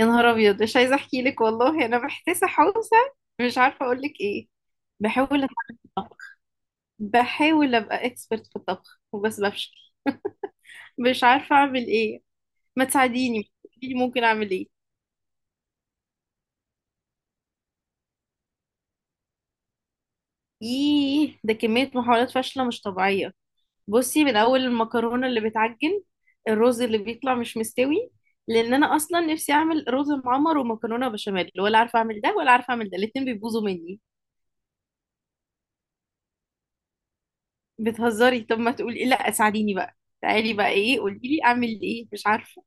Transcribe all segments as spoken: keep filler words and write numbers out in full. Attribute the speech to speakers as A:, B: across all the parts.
A: يا نهار ابيض، مش عايزه احكي لك والله انا محتاسه حوسه. مش عارفه اقول لك ايه. بحاول اتعلم الطبخ. بحاول ابقى اكسبرت في الطبخ وبس بفشل. مش عارفه اعمل ايه. ما تساعديني، قولي لي ممكن اعمل ايه. ايه ده؟ كميه محاولات فاشله مش طبيعيه. بصي، من اول المكرونه اللي بتعجن، الرز اللي بيطلع مش مستوي. لان انا اصلا نفسي اعمل رز معمر ومكرونه بشاميل، ولا عارفه اعمل ده ولا عارفه اعمل ده، الاتنين بيبوظوا مني. بتهزري؟ طب ما تقولي لا، ساعديني بقى. تعالي بقى، ايه، قولي لي اعمل ايه، مش عارفه.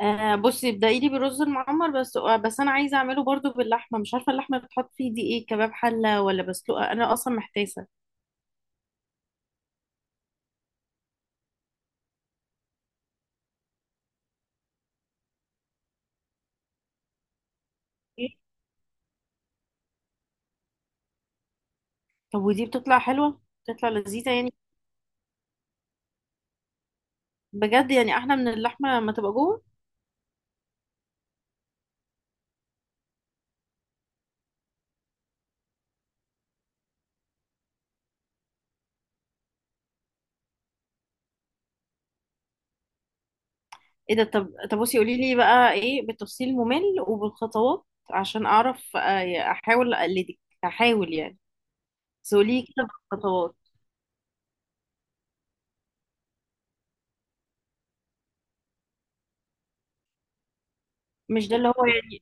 A: آه، بصي ابدأي لي بالرز المعمر، بس آه، بس انا عايزه اعمله برضو باللحمه. مش عارفه اللحمه بتحط فيه دي ايه، كباب حله ولا بسلوقه؟ انا اصلا محتاسه. ايه. طب ودي بتطلع حلوه؟ بتطلع لذيذه يعني؟ بجد يعني احلى من اللحمه لما تبقى جوه. ايه ده؟ طب طب، بصي قولي لي بقى ايه بالتفصيل ممل وبالخطوات، عشان اعرف آه، احاول اقلدك، احاول يعني. بس قولي لي كده بالخطوات. مش ده اللي هو يعني؟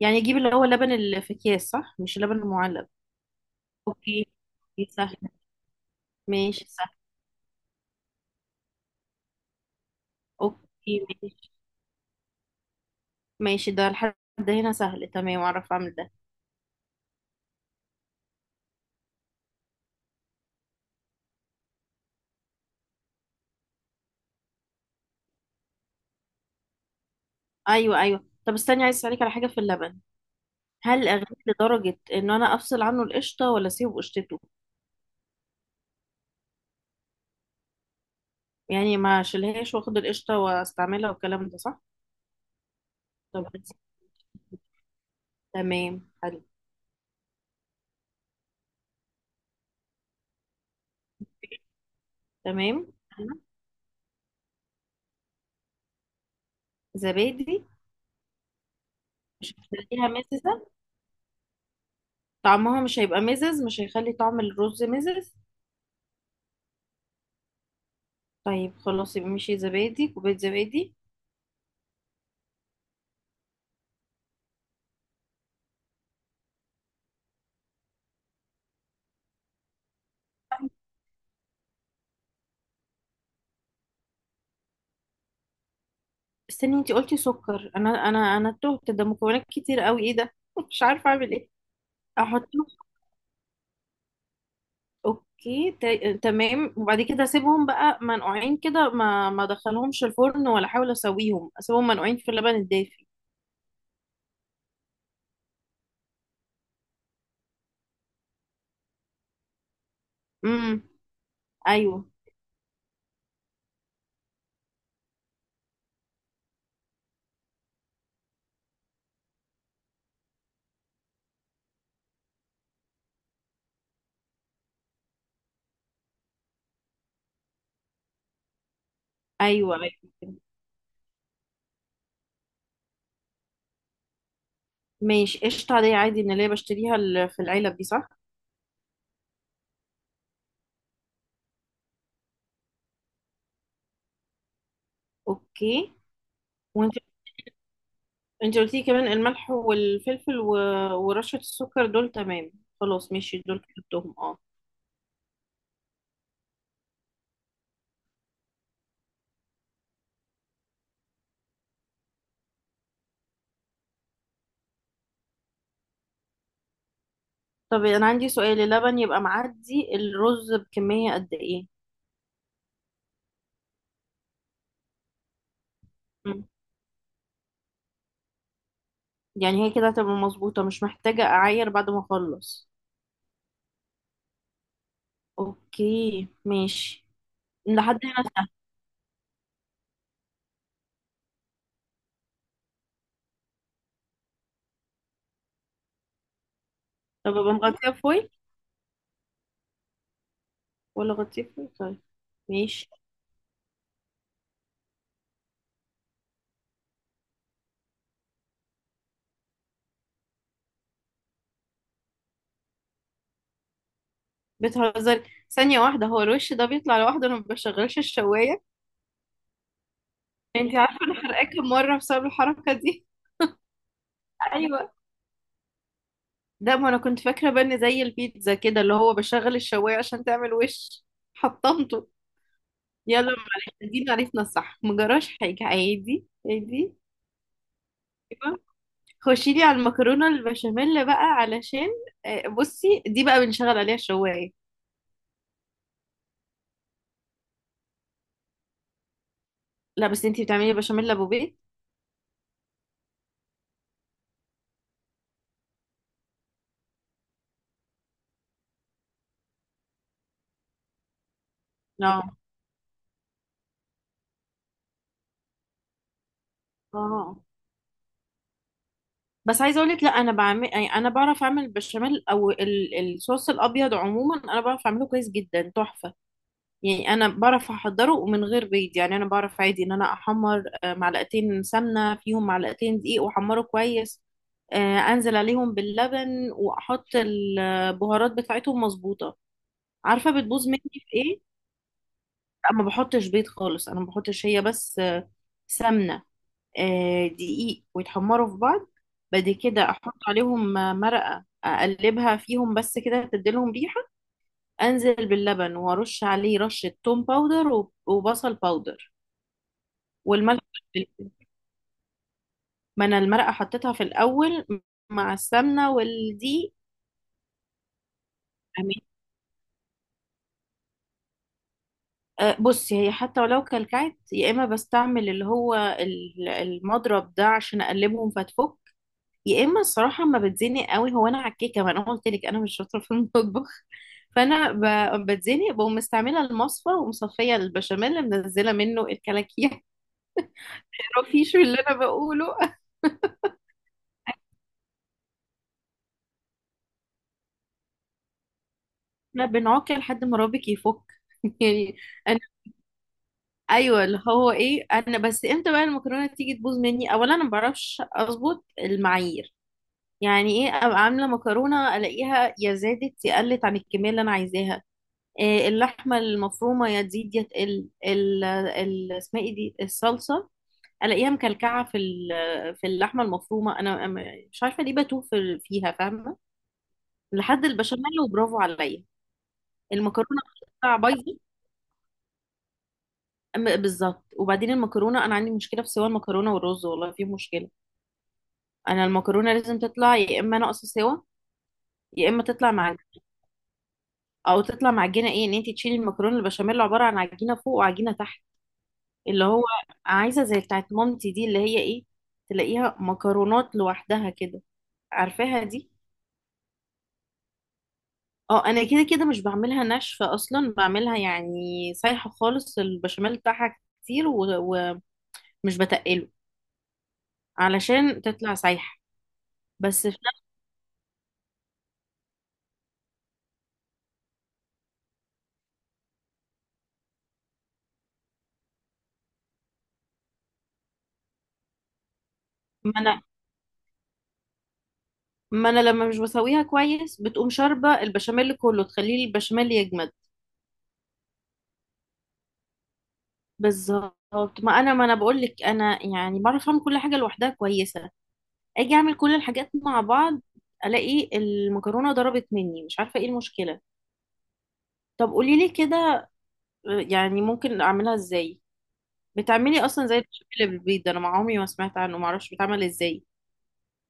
A: يعني اجيب اللي هو اللبن اللي في اكياس، صح؟ مش اللبن المعلب. اوكي، دي سهله. ماشي سهل. اوكي ماشي. ماشي، ده لحد هنا سهل، تمام، اعرف اعمل ده. ايوه ايوه، طب استني، عايز اسالك على حاجه في اللبن. هل اغليه لدرجه ان انا افصل عنه القشطه، ولا اسيبه قشطته؟ يعني ما اشيلهاش، واخد القشطه واستعملها، والكلام ده صح؟ طب. تمام، حلو. تمام. زبادي؟ مش هتخليها مززة؟ طعمها مش هيبقى مزز، مش هيخلي طعم الرز مزز؟ طيب خلاص، يبقى ماشي، زبادي، كوباية زبادي. استني، انتي قلتي سكر؟ انا انا انا تهت، ده مكونات كتير قوي. ايه ده؟ مش عارفة اعمل ايه. احطهم؟ اوكي، تا- تمام. وبعد كده اسيبهم بقى منقوعين كده، ما ما ادخلهمش الفرن ولا احاول اسويهم، اسيبهم منقوعين في اللبن الدافي؟ امم. ايوه ايوه ايوه، ماشي. قشطة عادية، عادي من اللي هي بشتريها ال- في العلب دي، صح؟ اوكي. انت قلتي كمان الملح والفلفل و... ورشة السكر، دول تمام. خلاص ماشي، دول كتبتهم، اه. طب انا عندي سؤال، اللبن يبقى معدي الرز بكمية قد ايه؟ مم. يعني هي كده هتبقى مظبوطة، مش محتاجة اعاير بعد ما اخلص؟ اوكي ماشي. لحد هنا سهل. طب ابقى مغطية فويل، ولا غطيه فويل؟ طيب ماشي. بتهزري؟ ثانية واحدة، هو الوش ده بيطلع لوحده؟ انا ما بشغلش الشواية. انت عارفة انا حرقاكي مرة بسبب الحركة دي. ايوه. لا، ما انا كنت فاكره بقى ان زي البيتزا كده، اللي هو بشغل الشوايه عشان تعمل وش. حطمته. يلا معلش، دي معرفنا الصح، مجراش حاجه، عادي عادي. أيوة. خشي لي على المكرونه البشاميل بقى، علشان آه، بصي، دي بقى بنشغل عليها الشوايه. لا، بس انتي بتعملي بشاميل ابو بيت؟ لا. اه، بس عايزه اقول لك، لا انا بعمل يعني، انا بعرف اعمل البشاميل او ال- الصوص الابيض عموما، انا بعرف اعمله كويس جدا، تحفه. يعني انا بعرف احضره ومن غير بيض، يعني انا بعرف عادي ان انا احمر آه، معلقتين سمنه فيهم معلقتين دقيق، واحمره كويس. آه، انزل عليهم باللبن واحط البهارات بتاعتهم مظبوطه. عارفه بتبوظ مني في ايه؟ انا ما بحطش بيض خالص، انا ما بحطش، هي بس آه، سمنه، آه، دقيق، ويتحمروا في بعض. بعد كده احط عليهم آه، مرقه، اقلبها فيهم بس كده تديلهم ريحه. انزل باللبن وارش عليه رشه توم باودر وب- وبصل باودر والملح والفلفل. ما انا المرقه حطيتها في الاول مع السمنه والدقيق. أمين. أه، بصي، هي حتى ولو كلكعت، يا اما بستعمل اللي هو ال- المضرب ده عشان اقلبهم فتفك، يا اما الصراحه ما بتزنق قوي. هو انا على الكيكه، ما انا قلت لك انا مش شاطره في المطبخ. فانا ب- بتزنق، بقوم مستعمله المصفى ومصفيه البشاميل اللي منزله منه الكلاكيع. تعرفيش اللي انا بقوله؟ احنا بنعك لحد ما رابك يفك، يعني. ايوه، اللي هو ايه، انا بس امتى بقى المكرونه تيجي تبوظ مني؟ اولا انا ما بعرفش اظبط المعايير. يعني ايه، ابقى عامله مكرونه الاقيها يا زادت يا قلت عن الكميه اللي انا عايزاها. إيه، اللحمه المفرومه يا تزيد يا تقل، ال ال اسمها ايه دي، الصلصه. الاقيها مكلكعه في ال- في اللحمه المفرومه. انا أنا مش عارفه ليه بتوه في- فيها، فاهمه؟ لحد البشاميل وبرافو عليا. المكرونه بتطلع بايظه. أم- بالظبط. وبعدين المكرونه، انا عندي مشكله في سوى المكرونه والرز، والله في مشكله. انا المكرونه لازم تطلع يا اما ناقصه سوا، يا اما تطلع مع، او تطلع معجنه. ايه ان انت تشيلي المكرونه البشاميل عباره عن عجينه فوق وعجينه تحت؟ اللي هو عايزه زي بتاعت مامتي دي، اللي هي ايه، تلاقيها مكرونات لوحدها كده، عارفاها دي. اه انا كده كده مش بعملها ناشفه اصلا، بعملها يعني سايحه خالص، البشاميل بتاعها كتير و- ومش بتقله علشان تطلع سايحه. بس في نفس- ما انا ما انا لما مش بسويها كويس، بتقوم شاربه البشاميل كله، تخليه البشاميل يجمد. بالظبط. ما انا ما انا بقول لك انا يعني بعرف اعمل كل حاجه لوحدها كويسه، اجي اعمل كل الحاجات مع بعض الاقي المكرونه ضربت مني، مش عارفه ايه المشكله. طب قولي لي كده، يعني ممكن اعملها ازاي؟ بتعملي اصلا زي البشاميل اللي بالبيض ده؟ انا مع عمري ما سمعت عنه، ما اعرفش بيتعمل ازاي،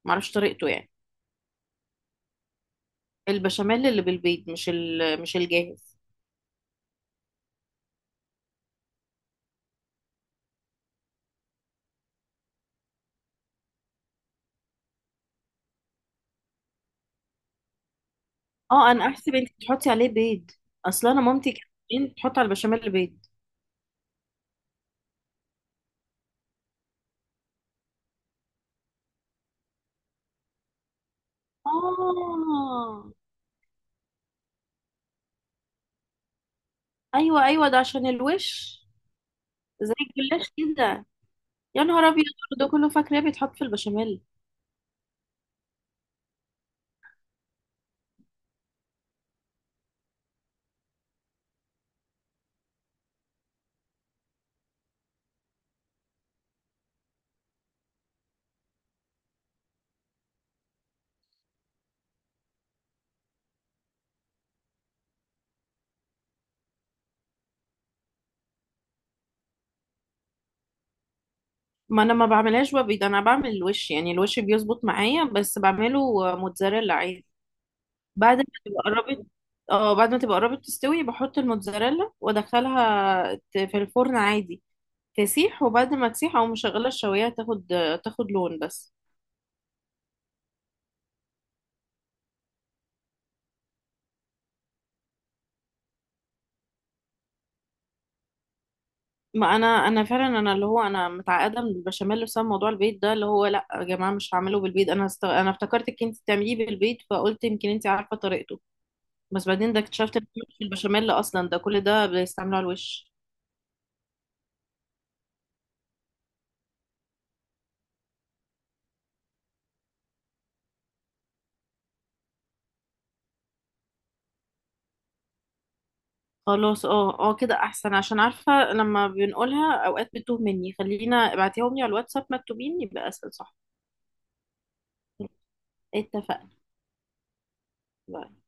A: ما اعرفش طريقته يعني. البشاميل اللي بالبيض، مش ال... مش الجاهز. اه انا احسب انت بتحطي عليه بيض، اصلا انا مامتي كانت بتحط على البشاميل بيض. اه. ايوه ايوه، ده عشان الوش، زي الجلاش كده. يا نهار ابيض، ده كله فاكراه بيتحط في البشاميل. ما انا ما بعملهاش ببيض، انا بعمل الوش يعني، الوش بيظبط معايا. بس بعمله موتزاريلا عادي، بعد ما تبقى قربت. اه بعد ما تبقى قربت تستوي، بحط الموتزاريلا وادخلها ت- في الفرن عادي، تسيح. وبعد ما تسيح، او مشغله الشوايه، تاخد تاخد لون بس. ما انا انا فعلا، انا اللي هو، انا متعقده من البشاميل بسبب موضوع البيض ده، اللي هو لا يا جماعه مش هعمله بالبيض. انا است... انا افتكرتك انت بتعمليه بالبيض، فقلت يمكن انت عارفه طريقته. بس بعدين ده اكتشفت ان في في البشاميل اصلا، ده كل ده بيستعملوه على الوش. خلاص، اه اه، كده احسن، عشان عارفه لما بنقولها اوقات بتوه مني. خلينا ابعتيهم لي على الواتساب مكتوبين يبقى اسهل، صح؟ إيه، اتفقنا. باي.